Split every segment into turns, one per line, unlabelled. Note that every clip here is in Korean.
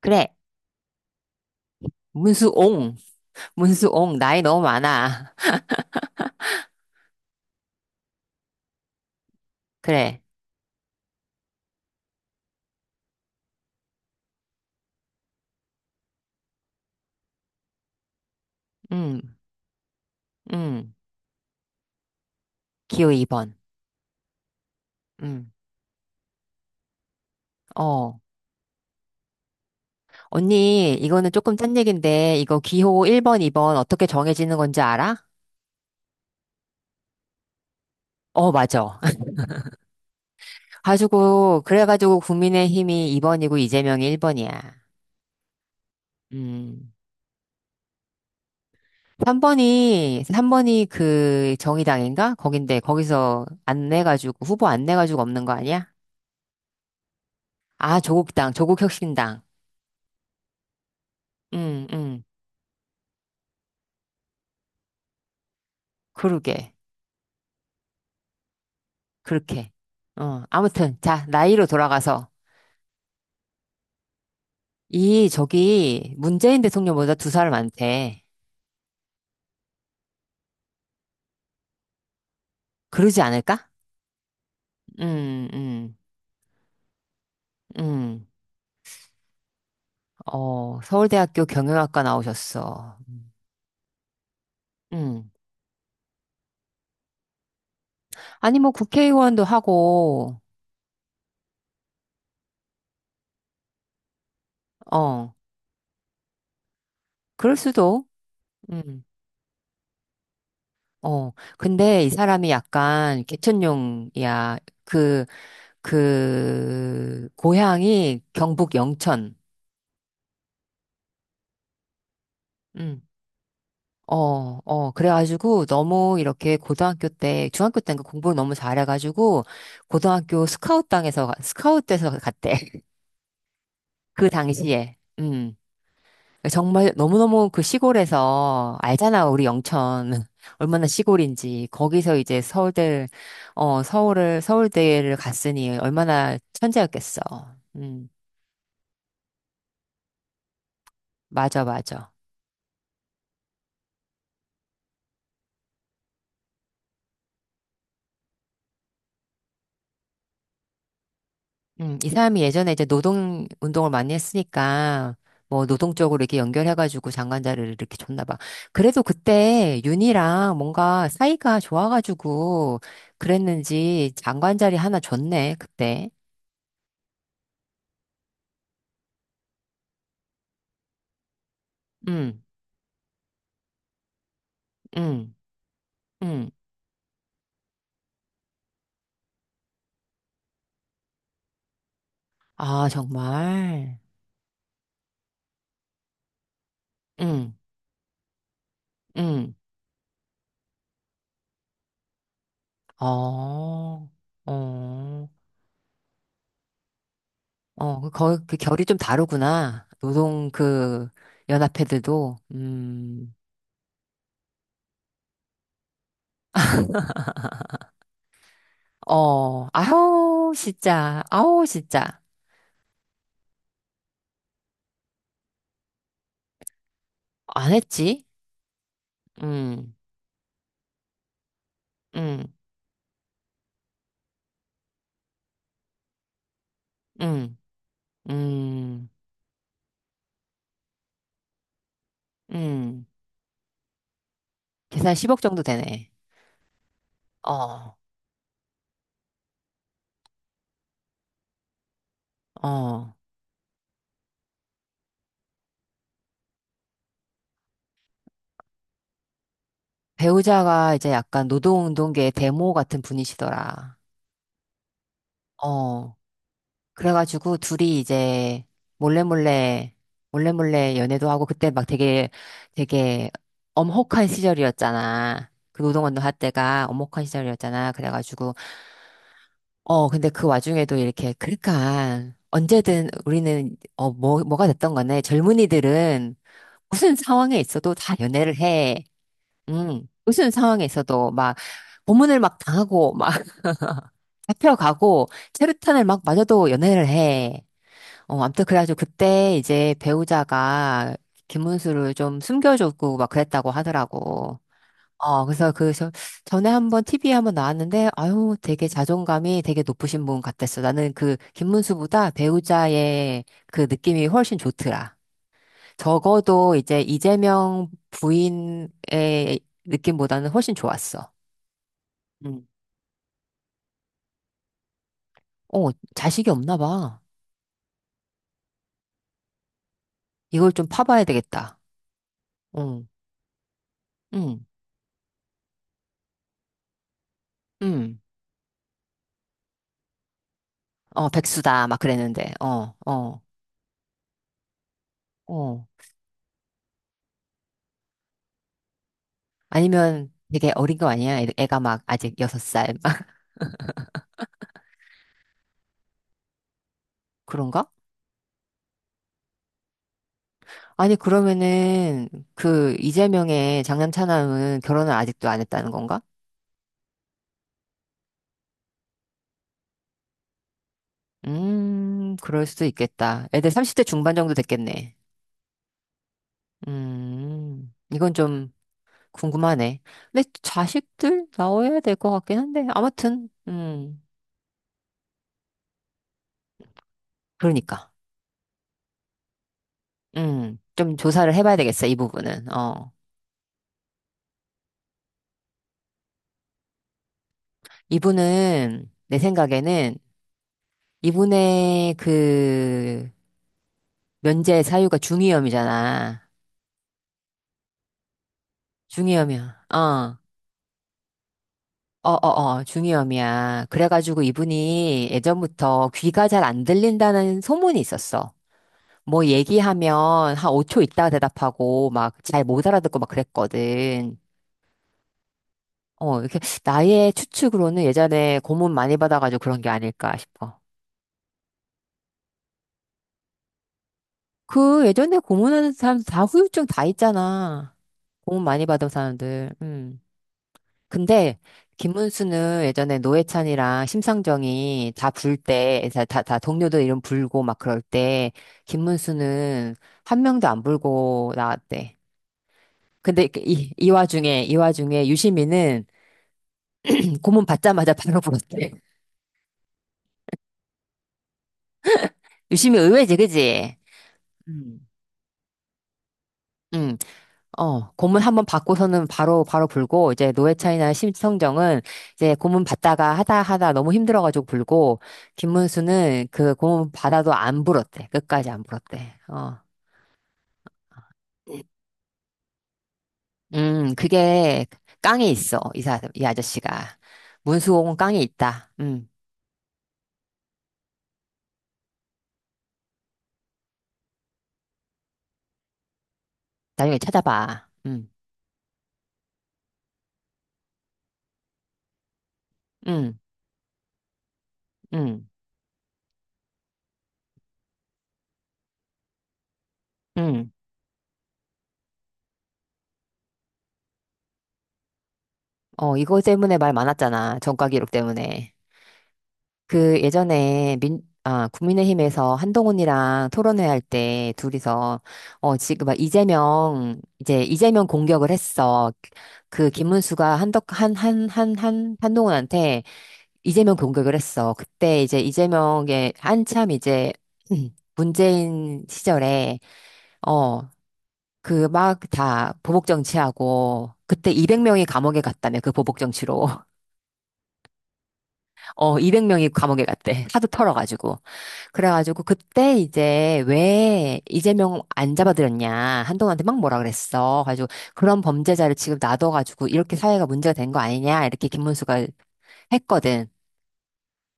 그래. 문수옹. 문수옹. 나이 너무 많아. 그래. 음, 음. 기호 2번. 음. 어. 언니, 이거는 조금 딴 얘긴데, 이거 기호 1번, 2번 어떻게 정해지는 건지 알아? 어, 맞아. 가지고, 그래가지고 국민의힘이 2번이고 이재명이 1번이야. 음. 3번이, 삼 번이 그 정의당인가? 거긴데, 거기서 안 내가지고, 후보 안 내가지고 없는 거 아니야? 아, 조국당, 조국혁신당. 음, 음. 그러게. 그렇게. 어, 아무튼, 자, 나이로 돌아가서, 이, 저기, 문재인 대통령보다 두 살 많대. 그러지 않을까? 음, 음, 음. 어, 서울대학교 경영학과 나오셨어. 음. 아니, 뭐, 국회의원도 하고, 어, 그럴 수도, 음, 어. 근데 이 사람이 약간 개천용이야. 그, 고향이 경북 영천. 음. 어, 어, 그래가지고 너무 이렇게 고등학교 때, 중학교 때는 그 공부를 너무 잘해가지고 고등학교 스카웃당에서, 스카웃돼서 갔대. 그 당시에. 음. 정말 너무너무 그 시골에서 알잖아, 우리 영천. 얼마나 시골인지. 거기서 이제 서울대, 어, 서울을, 서울대를 갔으니 얼마나 천재였겠어. 음, 맞아, 맞아. 이 사람이 예전에 이제 노동 운동을 많이 했으니까 뭐 노동 쪽으로 이렇게 연결해가지고 장관 자리를 이렇게 줬나 봐. 그래도 그때 윤이랑 뭔가 사이가 좋아가지고 그랬는지 장관 자리 하나 줬네, 그때. 음, 음, 음. 아, 정말. 음, 음. 어, 어, 어. 그 결이 좀 다르구나. 노동 그 연합회들도. 음. 어, 아우, 진짜, 아우, 진짜. 안 했지? 음, 음, 음, 음, 음. 계산 10억 정도 되네. 어, 어. 배우자가 이제 약간 노동운동계 대모 같은 분이시더라. 어. 그래가지고 둘이 이제 몰래몰래, 몰래몰래 연애도 하고 그때 막 되게, 되게 엄혹한 시절이었잖아. 그 노동운동 할 때가 엄혹한 시절이었잖아. 그래가지고 어, 근데 그 와중에도 이렇게, 그러니까, 언제든 우리는, 어, 뭐, 뭐가 됐던 간에 젊은이들은 무슨 상황에 있어도 다 연애를 해. 무슨 상황에 있어도 막, 고문을 막 당하고, 막, 잡혀가고, 체류탄을 막 맞아도 연애를 해. 어, 아무튼 그래가지고 그때 이제 배우자가 김문수를 좀 숨겨주고 막 그랬다고 하더라고. 어, 그래서 그, 저, 전에 한번 TV에 한번 나왔는데, 아유, 되게 자존감이 되게 높으신 분 같았어. 나는 그, 김문수보다 배우자의 그 느낌이 훨씬 좋더라. 적어도 이제 이재명 부인의 느낌보다는 훨씬 좋았어. 음. 어, 자식이 없나 봐. 이걸 좀 파봐야 되겠다. 응, 응, 응. 어, 백수다. 막 그랬는데, 어, 어, 어. 아니면 되게 어린 거 아니야? 애가 막 아직 여섯 살. 그런가? 아니, 그러면은, 그, 이재명의 장남 차남은 결혼을 아직도 안 했다는 건가? 그럴 수도 있겠다. 애들 30대 중반 정도 됐겠네. 이건 좀 궁금하네. 근데 자식들 나와야 될 것 같긴 한데, 아무튼, 그러니까. 좀 조사를 해봐야 되겠어, 이 부분은. 어. 이분은, 내 생각에는, 이분의 그, 면제 사유가 중이염이잖아. 중이염이야. 어. 어어어, 중이염이야. 그래가지고 이분이 예전부터 귀가 잘 안 들린다는 소문이 있었어. 뭐 얘기하면 한 5초 있다가 대답하고 막 잘 못 알아듣고 막 그랬거든. 어, 이렇게 나의 추측으로는 예전에 고문 많이 받아가지고 그런 게 아닐까 싶어. 그 예전에 고문하는 사람 다 후유증 다 있잖아. 고문 많이 받은 사람들. 음. 근데 김문수는 예전에 노회찬이랑 심상정이 다 불 때, 다 동료들 이름 불고 막 그럴 때, 김문수는 한 명도 안 불고 나왔대. 근데 이 와중에, 이 와중에 유시민은 고문 받자마자 바로 불었대. 유시민 의외지, 그지? 음. 응. 어, 고문 한번 받고서는 바로, 바로 불고, 이제 노회찬이나 심성정은 이제 고문 받다가 하다 하다 너무 힘들어가지고 불고, 김문수는 그 고문 받아도 안 불었대. 끝까지 안 불었대. 어. 그게 깡에 있어. 이 아저씨가. 문수홍은 깡에 있다. 나중에 찾아봐. 음, 음, 음. 어, 이거 때문에 말 많았잖아. 전과 기록 때문에. 그 예전에 민, 아, 국민의힘에서 한동훈이랑 토론회 할 때 둘이서 어 지금 막 이재명 공격을 했어. 그 김문수가 한덕 한 한 한 한 한동훈한테 이재명 공격을 했어. 그때 이제 이재명의 한참 이제 문재인 시절에 어 그 막 다 보복 정치하고 그때 200명이 감옥에 갔다며 그 보복 정치로. 어, 200명이 감옥에 갔대. 하도 털어가지고. 그래가지고 그때 이제 왜 이재명 안 잡아들였냐. 한동훈한테 막 뭐라 그랬어. 가지고 그런 범죄자를 지금 놔둬가지고 이렇게 사회가 문제가 된 거 아니냐. 이렇게 김문수가 했거든.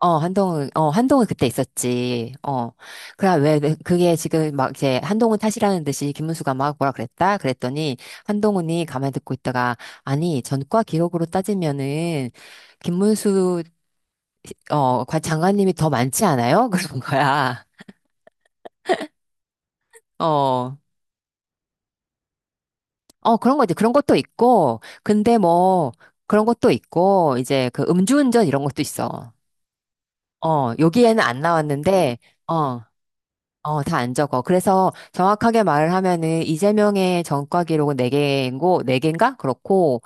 어, 한동훈, 어, 한동훈 그때 있었지. 어. 그래, 왜, 왜 그게 지금 막 이제 한동훈 탓이라는 듯이 김문수가 막 뭐라 그랬다? 그랬더니 한동훈이 가만히 듣고 있다가 아니, 전과 기록으로 따지면은 김문수 어, 장관님이 더 많지 않아요? 그런 거야. 어, 어, 그런 거 이제 그런 것도 있고, 근데 뭐, 그런 것도 있고, 이제 그 음주운전 이런 것도 있어. 어, 여기에는 안 나왔는데, 어, 어, 다 안 적어. 그래서 정확하게 말을 하면은 이재명의 전과 기록은 4개고, 네개인가 그렇고,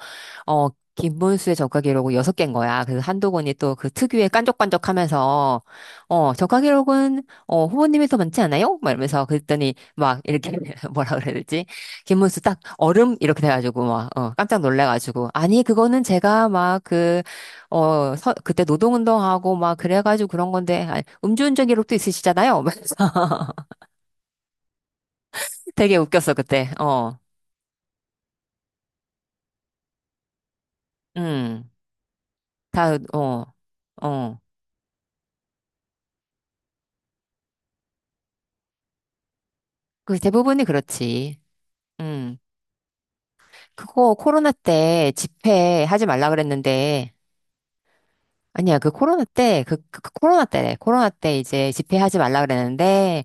어, 김문수의 전과 기록은 6개인 거야. 그래서 한동훈이 또 그 특유의 깐족깐족 하면서, 어, 전과 기록은, 어, 후보님이 더 많지 않아요? 막 이러면서 그랬더니 막 이렇게 뭐라 그래야 되지? 김문수 딱 얼음? 이렇게 돼가지고 막, 어, 깜짝 놀래가지고. 아니, 그거는 제가 막 그, 어, 그때 노동운동하고 막 그래가지고 그런 건데, 아니, 음주운전 기록도 있으시잖아요. 막 이러면서 되게 웃겼어, 그때. 어, 음, 다, 어, 어. 그 대부분이 그렇지. 음. 그거 코로나 때 집회 하지 말라 그랬는데, 아니야, 그 코로나 때, 그 코로나 때래. 코로나 때 이제 집회 하지 말라 그랬는데,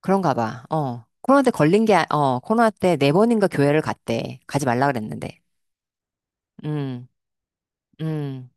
그런가 봐. 어. 코로나 때 걸린 게, 아- 어, 코로나 때 네 번인가 교회를 갔대. 가지 말라 그랬는데. 음, 음.